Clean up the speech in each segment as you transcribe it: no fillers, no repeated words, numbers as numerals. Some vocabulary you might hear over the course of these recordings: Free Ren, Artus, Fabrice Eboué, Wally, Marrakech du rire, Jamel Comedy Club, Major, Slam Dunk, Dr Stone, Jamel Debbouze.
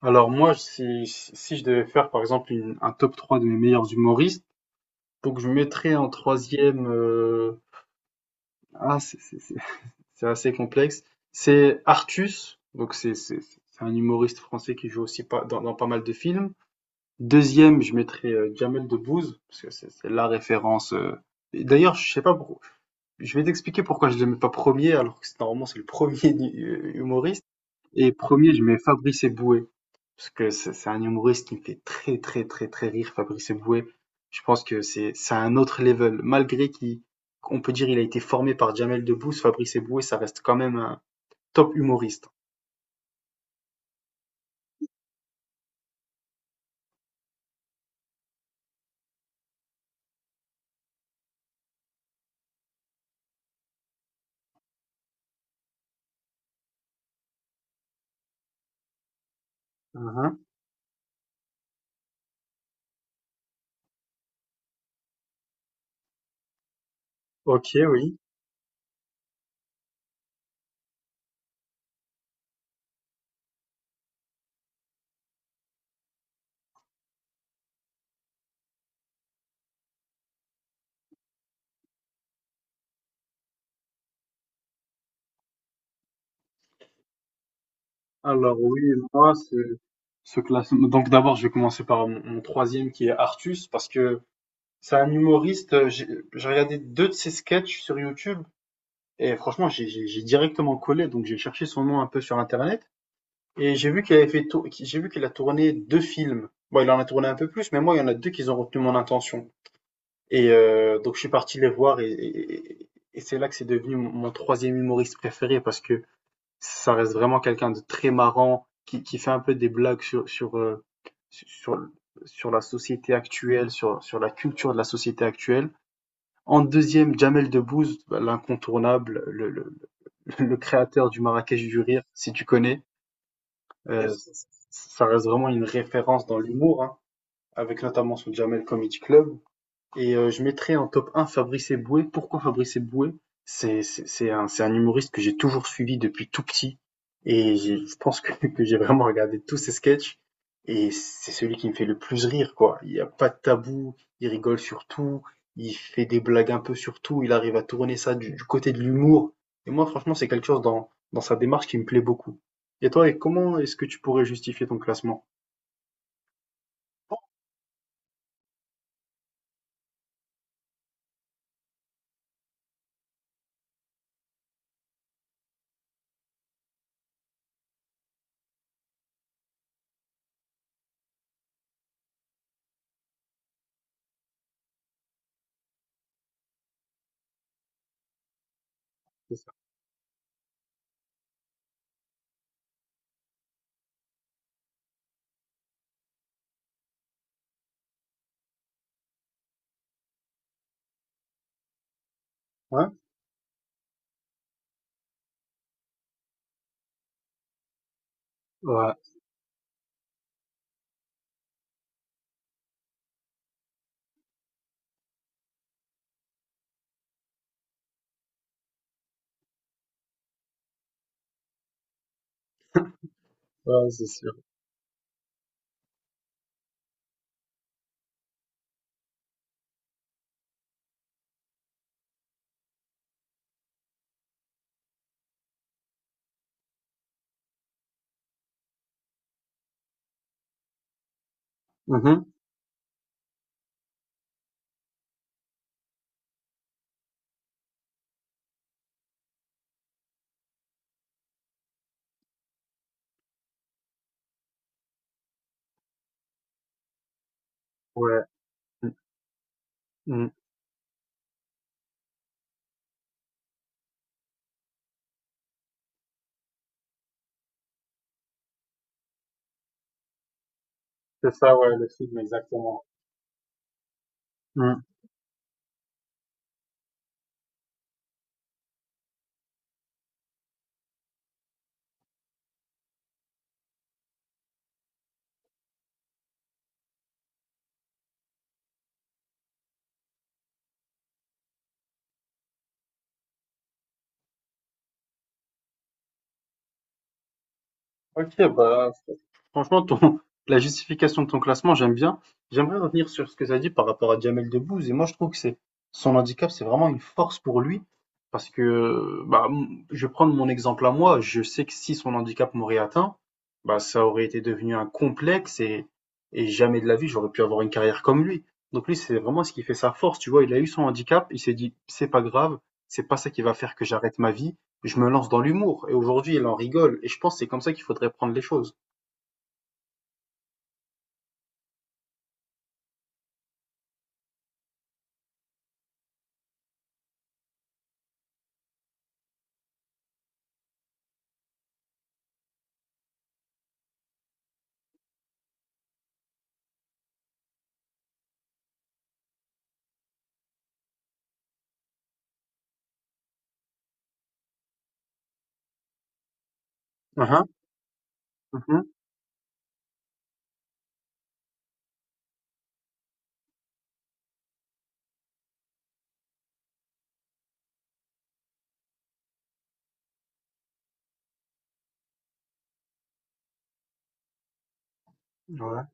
Alors moi, si je devais faire par exemple un top 3 de mes meilleurs humoristes, donc je mettrais en troisième, ah, c'est c'est- c'est- c'est assez complexe, c'est Artus, donc c'est un humoriste français qui joue aussi pas, dans pas mal de films. Deuxième, je mettrais Jamel Debbouze, parce que c'est la référence. Et d'ailleurs, je sais pas pourquoi, je vais t'expliquer pourquoi je le mets pas premier, alors que normalement c'est le premier humoriste. Et premier, je mets Fabrice Eboué. Parce que c'est un humoriste qui me fait très très très très rire, Fabrice Eboué. Je pense que c'est un autre level. Malgré qu'il, qu'on peut dire il a été formé par Jamel Debbouze, Fabrice Eboué, ça reste quand même un top humoriste. Mhm. Ok, oui. Alors oui, moi, c'est ce classement. Donc d'abord, je vais commencer par mon troisième qui est Artus, parce que c'est un humoriste. J'ai regardé deux de ses sketchs sur YouTube et franchement, j'ai directement collé, donc j'ai cherché son nom un peu sur Internet. Et j'ai vu qu'il avait j'ai vu qu'il a tourné 2 films. Bon, il en a tourné un peu plus, mais moi, il y en a 2 qui ont retenu mon attention. Et donc, je suis parti les voir et c'est là que c'est devenu mon troisième humoriste préféré parce que ça reste vraiment quelqu'un de très marrant, qui fait un peu des blagues sur, sur la société actuelle, sur la culture de la société actuelle. En deuxième, Jamel Debbouze, bah, l'incontournable, le créateur du Marrakech du rire, si tu connais. Yes. Ça reste vraiment une référence dans l'humour, hein, avec notamment son Jamel Comedy Club. Et je mettrais en top un Fabrice Eboué. Pourquoi Fabrice Eboué? C'est un humoriste que j'ai toujours suivi depuis tout petit. Et je pense que, que j'ai vraiment regardé tous ses sketchs. Et c'est celui qui me fait le plus rire, quoi. Il n'y a pas de tabou. Il rigole sur tout. Il fait des blagues un peu sur tout. Il arrive à tourner ça du côté de l'humour. Et moi, franchement, c'est quelque chose dans sa démarche qui me plaît beaucoup. Et toi, et comment est-ce que tu pourrais justifier ton classement? C'est ça. Ouais, ouais, ouais, c'est sûr. Mhm. Ouais. Mm. C'est ça, ouais, le film, exactement. Hmm. Ok, bah, franchement, ton, la justification de ton classement, j'aime bien. J'aimerais revenir sur ce que tu as dit par rapport à Jamel Debbouze. Et moi, je trouve que c'est son handicap, c'est vraiment une force pour lui. Parce que, bah, je vais prendre mon exemple à moi. Je sais que si son handicap m'aurait atteint, bah, ça aurait été devenu un complexe et jamais de la vie, j'aurais pu avoir une carrière comme lui. Donc lui, c'est vraiment ce qui fait sa force. Tu vois, il a eu son handicap, il s'est dit, c'est pas grave, c'est pas ça qui va faire que j'arrête ma vie. Je me lance dans l'humour et aujourd'hui, elle en rigole et je pense que c'est comme ça qu'il faudrait prendre les choses. Mmh mh. Mmh. Ouais.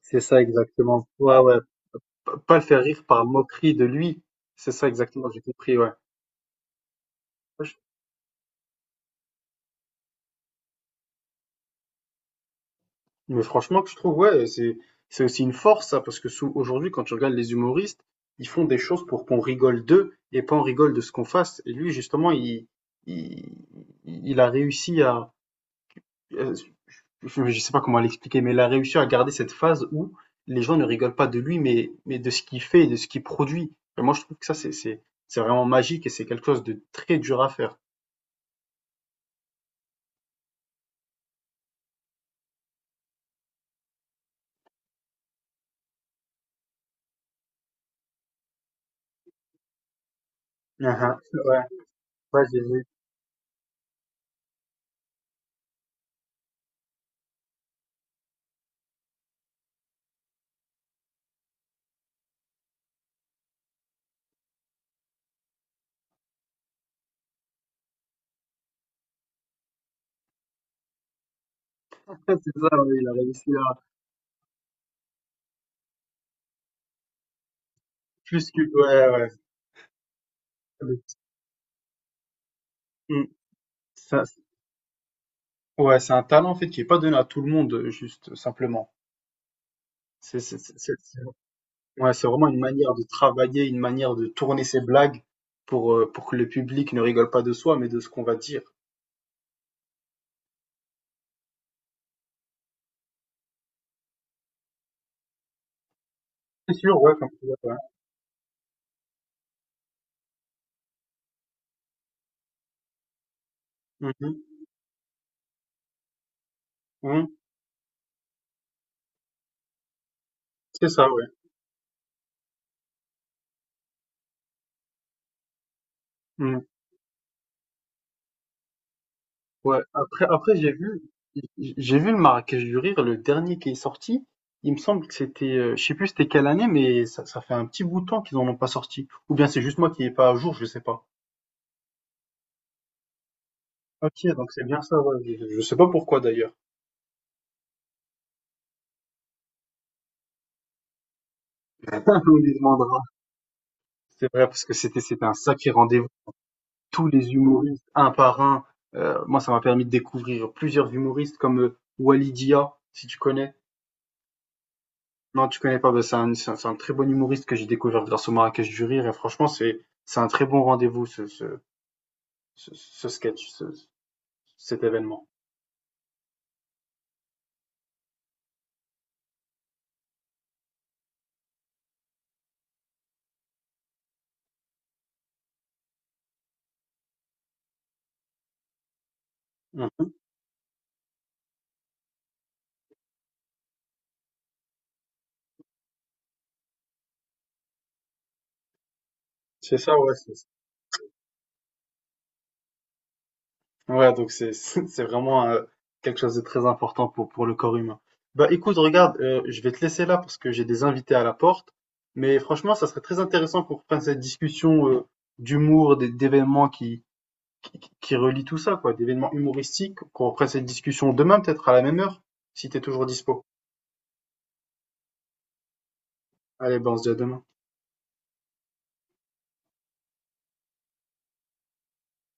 C'est ça exactement. Ouais, ouais. P pas le faire rire par moquerie de lui. C'est ça exactement, j'ai compris, ouais. Ouais, je- Mais franchement, que je trouve, ouais, c'est aussi une force, ça, parce que aujourd'hui, quand tu regardes les humoristes, ils font des choses pour qu'on rigole d'eux et pas on rigole de ce qu'on fasse. Et lui, justement, il, il a réussi à, euh, je ne sais pas comment l'expliquer, mais il a réussi à garder cette phase où les gens ne rigolent pas de lui, mais de ce qu'il fait et de ce qu'il produit. Et moi, je trouve que ça, c'est vraiment magique et c'est quelque chose de très dur à faire. Ah ah, ouais, ouais, j'ai vu. C'est ça, ouais, il a réussi à plus que. Ouais, ouais. Mm. Ça- ouais, c'est un talent en fait qui est pas donné à tout le monde, juste simplement. C'est c'est- c'est- c'est- c'est- ouais, c'est vraiment une manière de travailler, une manière de tourner ses blagues pour que le public ne rigole pas de soi, mais de ce qu'on va dire. C'est sûr, ouais, comme tu dis, ouais. Mmh mh. Mmh. C'est ça, ouais. Mmh. Ouais, après j'ai vu le Marrakech du rire, le dernier qui est sorti. Il me semble que c'était, je sais plus c'était quelle année, mais ça fait un petit bout de temps qu'ils en ont pas sorti. Ou bien c'est juste moi qui est pas à jour, je sais pas. OK, donc c'est bien ça, ouais. Je sais pas pourquoi d'ailleurs. On lui demandera. C'est vrai parce que c'était un sacré rendez-vous. Tous les humoristes, un par un. Moi ça m'a permis de découvrir plusieurs humoristes comme, Wally, si tu connais? Non, tu connais pas, bah, c'est un très bon humoriste que j'ai découvert grâce au Marrakech du Rire et franchement, c'est un très bon rendez-vous ce, ce sketch, ce- cet événement. Mhm. C'est ça, ouais. Ouais, donc c'est, c'est vraiment quelque chose de très important pour le corps humain. Bah écoute, regarde, je vais te laisser là parce que j'ai des invités à la porte, mais franchement, ça serait très intéressant qu'on reprenne cette discussion d'humour, d'événements qui relient tout ça, quoi, d'événements humoristiques, qu'on reprenne cette discussion demain peut-être à la même heure, si t'es toujours dispo. Allez, bon, on se dit à la bourse de demain.